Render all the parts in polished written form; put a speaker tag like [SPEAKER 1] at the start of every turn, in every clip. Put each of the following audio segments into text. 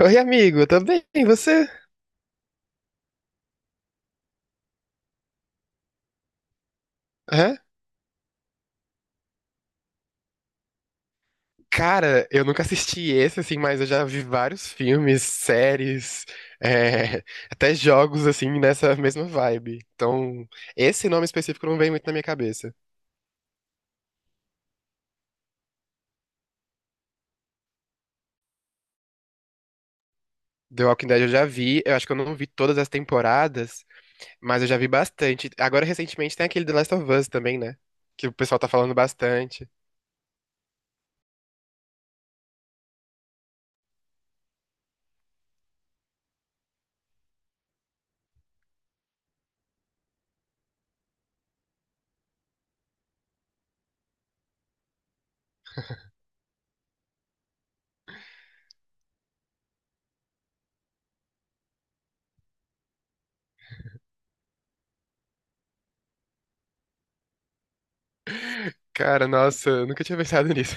[SPEAKER 1] Oi, amigo, eu tô bem, e você? Hã? Cara, eu nunca assisti esse, assim, mas eu já vi vários filmes, séries, é, até jogos, assim, nessa mesma vibe. Então, esse nome específico não vem muito na minha cabeça. The Walking Dead eu já vi, eu acho que eu não vi todas as temporadas, mas eu já vi bastante. Agora, recentemente, tem aquele The Last of Us também, né? Que o pessoal tá falando bastante. Cara, nossa, eu nunca tinha pensado nisso.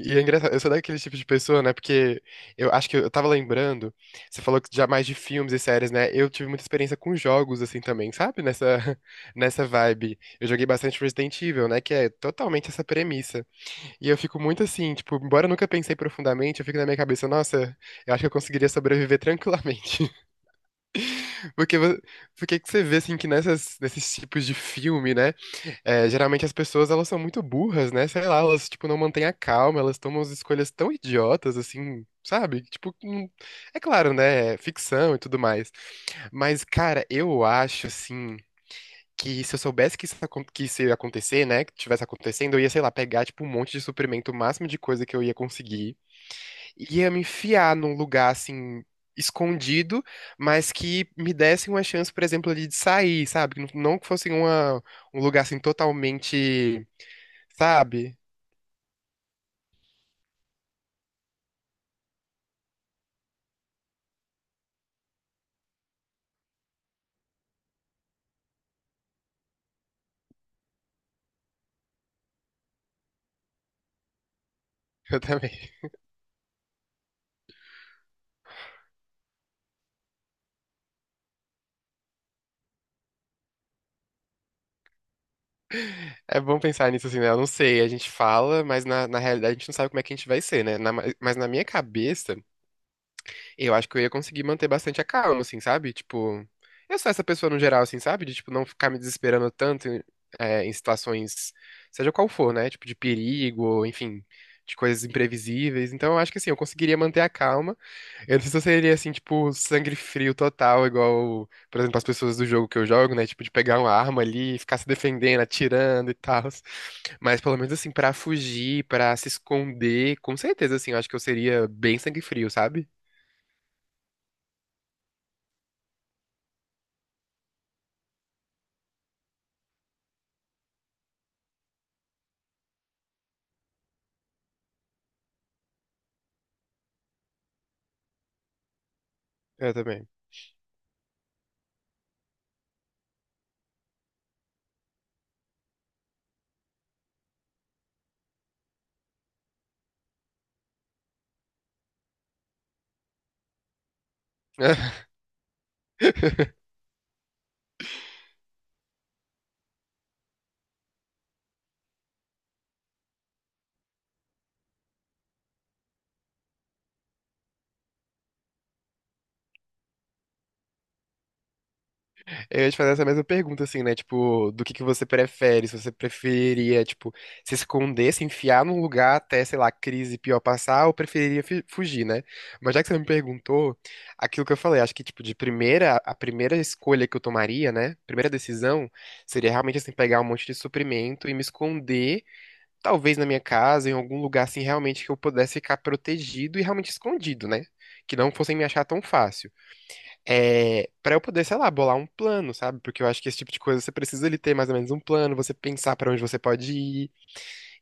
[SPEAKER 1] E é engraçado, eu sou daquele tipo de pessoa, né? Porque eu acho que eu tava lembrando, você falou que já mais de filmes e séries, né? Eu tive muita experiência com jogos, assim, também, sabe? Nessa, nessa vibe. Eu joguei bastante Resident Evil, né? Que é totalmente essa premissa. E eu fico muito assim, tipo, embora eu nunca pensei profundamente, eu fico na minha cabeça, nossa, eu acho que eu conseguiria sobreviver tranquilamente. Porque, porque que você vê, assim, que nesses tipos de filme, né? É, geralmente as pessoas, elas são muito burras, né? Sei lá, elas, tipo, não mantêm a calma, elas tomam as escolhas tão idiotas, assim, sabe? Tipo, é claro, né? É ficção e tudo mais. Mas, cara, eu acho, assim, que se eu soubesse que isso, que isso ia acontecer, né? Que tivesse acontecendo, eu ia, sei lá, pegar, tipo, um monte de suprimento, o máximo de coisa que eu ia conseguir, e ia me enfiar num lugar, assim, escondido, mas que me desse uma chance, por exemplo, ali de sair, sabe? Que não, não que fosse uma, um lugar assim totalmente. Sabe? Eu também. É bom pensar nisso assim, né? Eu não sei, a gente fala, mas na realidade a gente não sabe como é que a gente vai ser, né? Mas na minha cabeça, eu acho que eu ia conseguir manter bastante a calma, assim, sabe? Tipo, eu sou essa pessoa no geral, assim, sabe? De, tipo, não ficar me desesperando tanto em situações, seja qual for, né? Tipo, de perigo, enfim, de coisas imprevisíveis. Então, eu acho que assim, eu conseguiria manter a calma. Eu não sei se eu seria assim, tipo, sangue frio total, igual, por exemplo, as pessoas do jogo que eu jogo, né? Tipo, de pegar uma arma ali e ficar se defendendo, atirando e tal. Mas pelo menos assim, pra fugir, pra se esconder, com certeza, assim, eu acho que eu seria bem sangue frio, sabe? Eu também. Eu ia te fazer essa mesma pergunta, assim, né? Tipo, do que você prefere? Se você preferia, tipo, se esconder, se enfiar num lugar até, sei lá, a crise pior passar, ou preferiria fugir, né? Mas já que você me perguntou, aquilo que eu falei, acho que, tipo, de primeira, a primeira escolha que eu tomaria, né? Primeira decisão seria realmente, assim, pegar um monte de suprimento e me esconder, talvez na minha casa, em algum lugar, assim, realmente que eu pudesse ficar protegido e realmente escondido, né? Que não fossem me achar tão fácil, para eu poder, sei lá, bolar um plano, sabe? Porque eu acho que esse tipo de coisa você precisa ele ter mais ou menos um plano, você pensar pra onde você pode ir.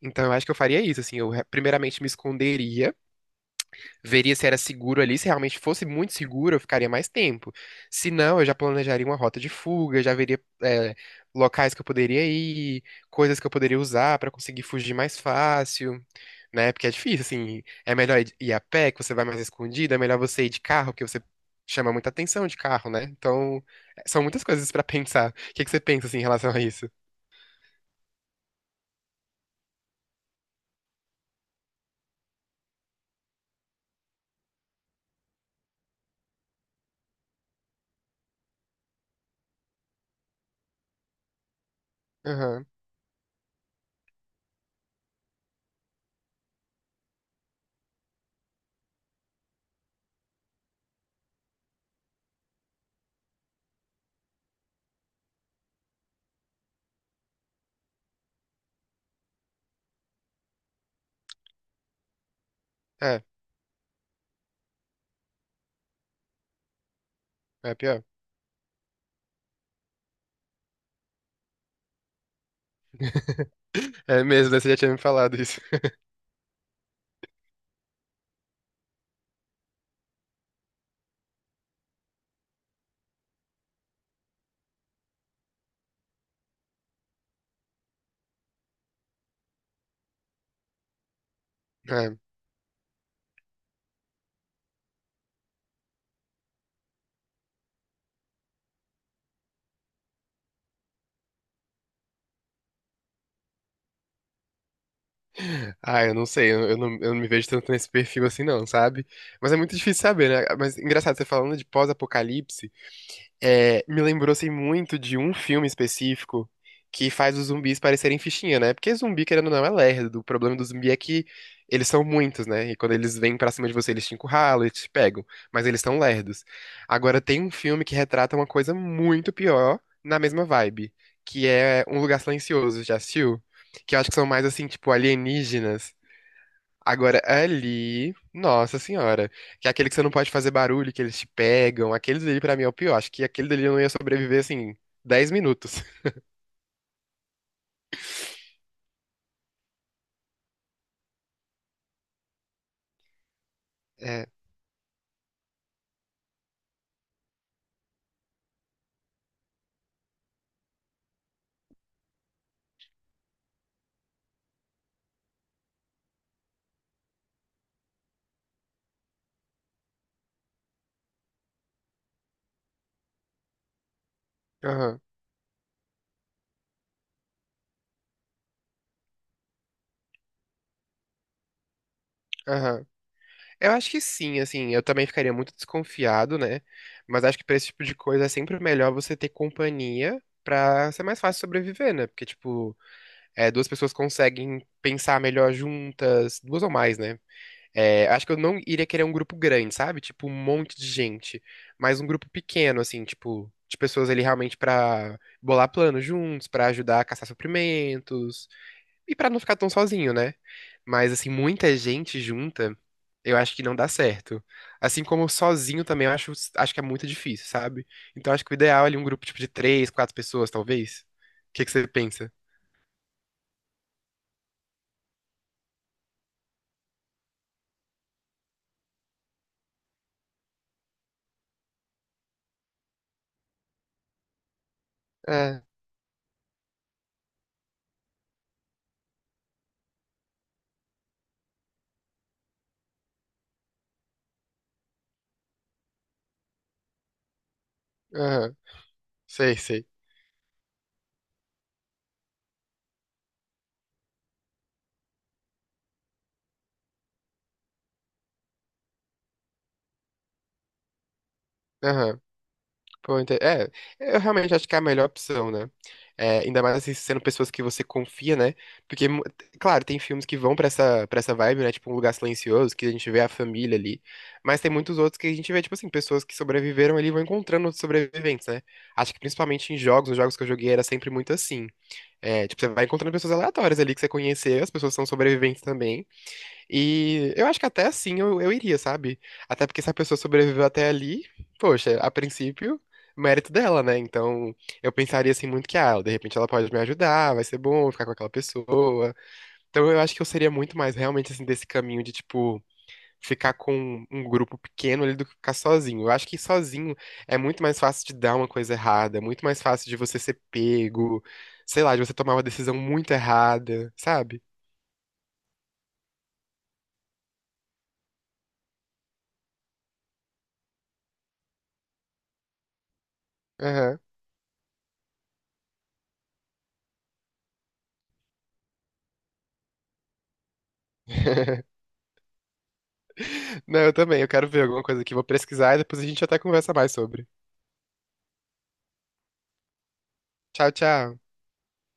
[SPEAKER 1] Então eu acho que eu faria isso, assim, eu primeiramente me esconderia, veria se era seguro ali. Se realmente fosse muito seguro, eu ficaria mais tempo. Se não, eu já planejaria uma rota de fuga, já veria, locais que eu poderia ir, coisas que eu poderia usar pra conseguir fugir mais fácil. Né? Porque é difícil, assim. É melhor ir a pé, que você vai mais escondido. É melhor você ir de carro, que você chama muita atenção de carro, né? Então, é, são muitas coisas pra pensar. O que que você pensa, assim, em relação a isso? Aham. É, é pior. É mesmo, né? Você já tinha me falado isso. É. Ah, eu não sei, eu não me vejo tanto nesse perfil assim, não, sabe? Mas é muito difícil saber, né? Mas engraçado, você falando de pós-apocalipse. Me lembrou assim, muito de um filme específico que faz os zumbis parecerem fichinha, né? Porque zumbi, querendo ou não, é lerdo. O problema do zumbi é que eles são muitos, né? E quando eles vêm pra cima de você, eles te encurralam, eles te pegam. Mas eles são lerdos. Agora, tem um filme que retrata uma coisa muito pior na mesma vibe, que é Um Lugar Silencioso. Já assistiu? Que eu acho que são mais assim, tipo, alienígenas. Agora, ali, nossa senhora, que é aquele que você não pode fazer barulho, que eles te pegam, aquele ali pra mim é o pior. Acho que aquele dali eu não ia sobreviver, assim, 10 minutos. É, aham, aham. Eu acho que sim, assim, eu também ficaria muito desconfiado, né? Mas acho que pra esse tipo de coisa é sempre melhor você ter companhia pra ser mais fácil sobreviver, né? Porque, tipo, é, duas pessoas conseguem pensar melhor juntas, duas ou mais, né? É, acho que eu não iria querer um grupo grande, sabe? Tipo, um monte de gente. Mas um grupo pequeno, assim, tipo, de pessoas ali realmente pra bolar planos juntos, pra ajudar a caçar suprimentos e pra não ficar tão sozinho, né? Mas, assim, muita gente junta, eu acho que não dá certo. Assim como sozinho também, eu acho, acho que é muito difícil, sabe? Então, acho que o ideal é ali um grupo, tipo, de três, quatro pessoas, talvez. O que que você pensa? É, aham, sei, sei. Aham. Pô, é, eu realmente acho que é a melhor opção, né? É, ainda mais assim, sendo pessoas que você confia, né? Porque, claro, tem filmes que vão pra essa vibe, né? Tipo, Um Lugar Silencioso, que a gente vê a família ali. Mas tem muitos outros que a gente vê, tipo assim, pessoas que sobreviveram ali e vão encontrando outros sobreviventes, né? Acho que principalmente em jogos, nos jogos que eu joguei era sempre muito assim. É, tipo, você vai encontrando pessoas aleatórias ali que você conheceu, as pessoas são sobreviventes também. E eu acho que até assim eu iria, sabe? Até porque se a pessoa sobreviveu até ali, poxa, a princípio, mérito dela, né? Então eu pensaria assim muito que, ah, de repente ela pode me ajudar, vai ser bom ficar com aquela pessoa. Então eu acho que eu seria muito mais realmente assim desse caminho de, tipo, ficar com um grupo pequeno ali do que ficar sozinho. Eu acho que sozinho é muito mais fácil de dar uma coisa errada, é muito mais fácil de você ser pego, sei lá, de você tomar uma decisão muito errada, sabe? Aham. Não, eu também. Eu quero ver alguma coisa aqui. Vou pesquisar e depois a gente até conversa mais sobre. Tchau, tchau.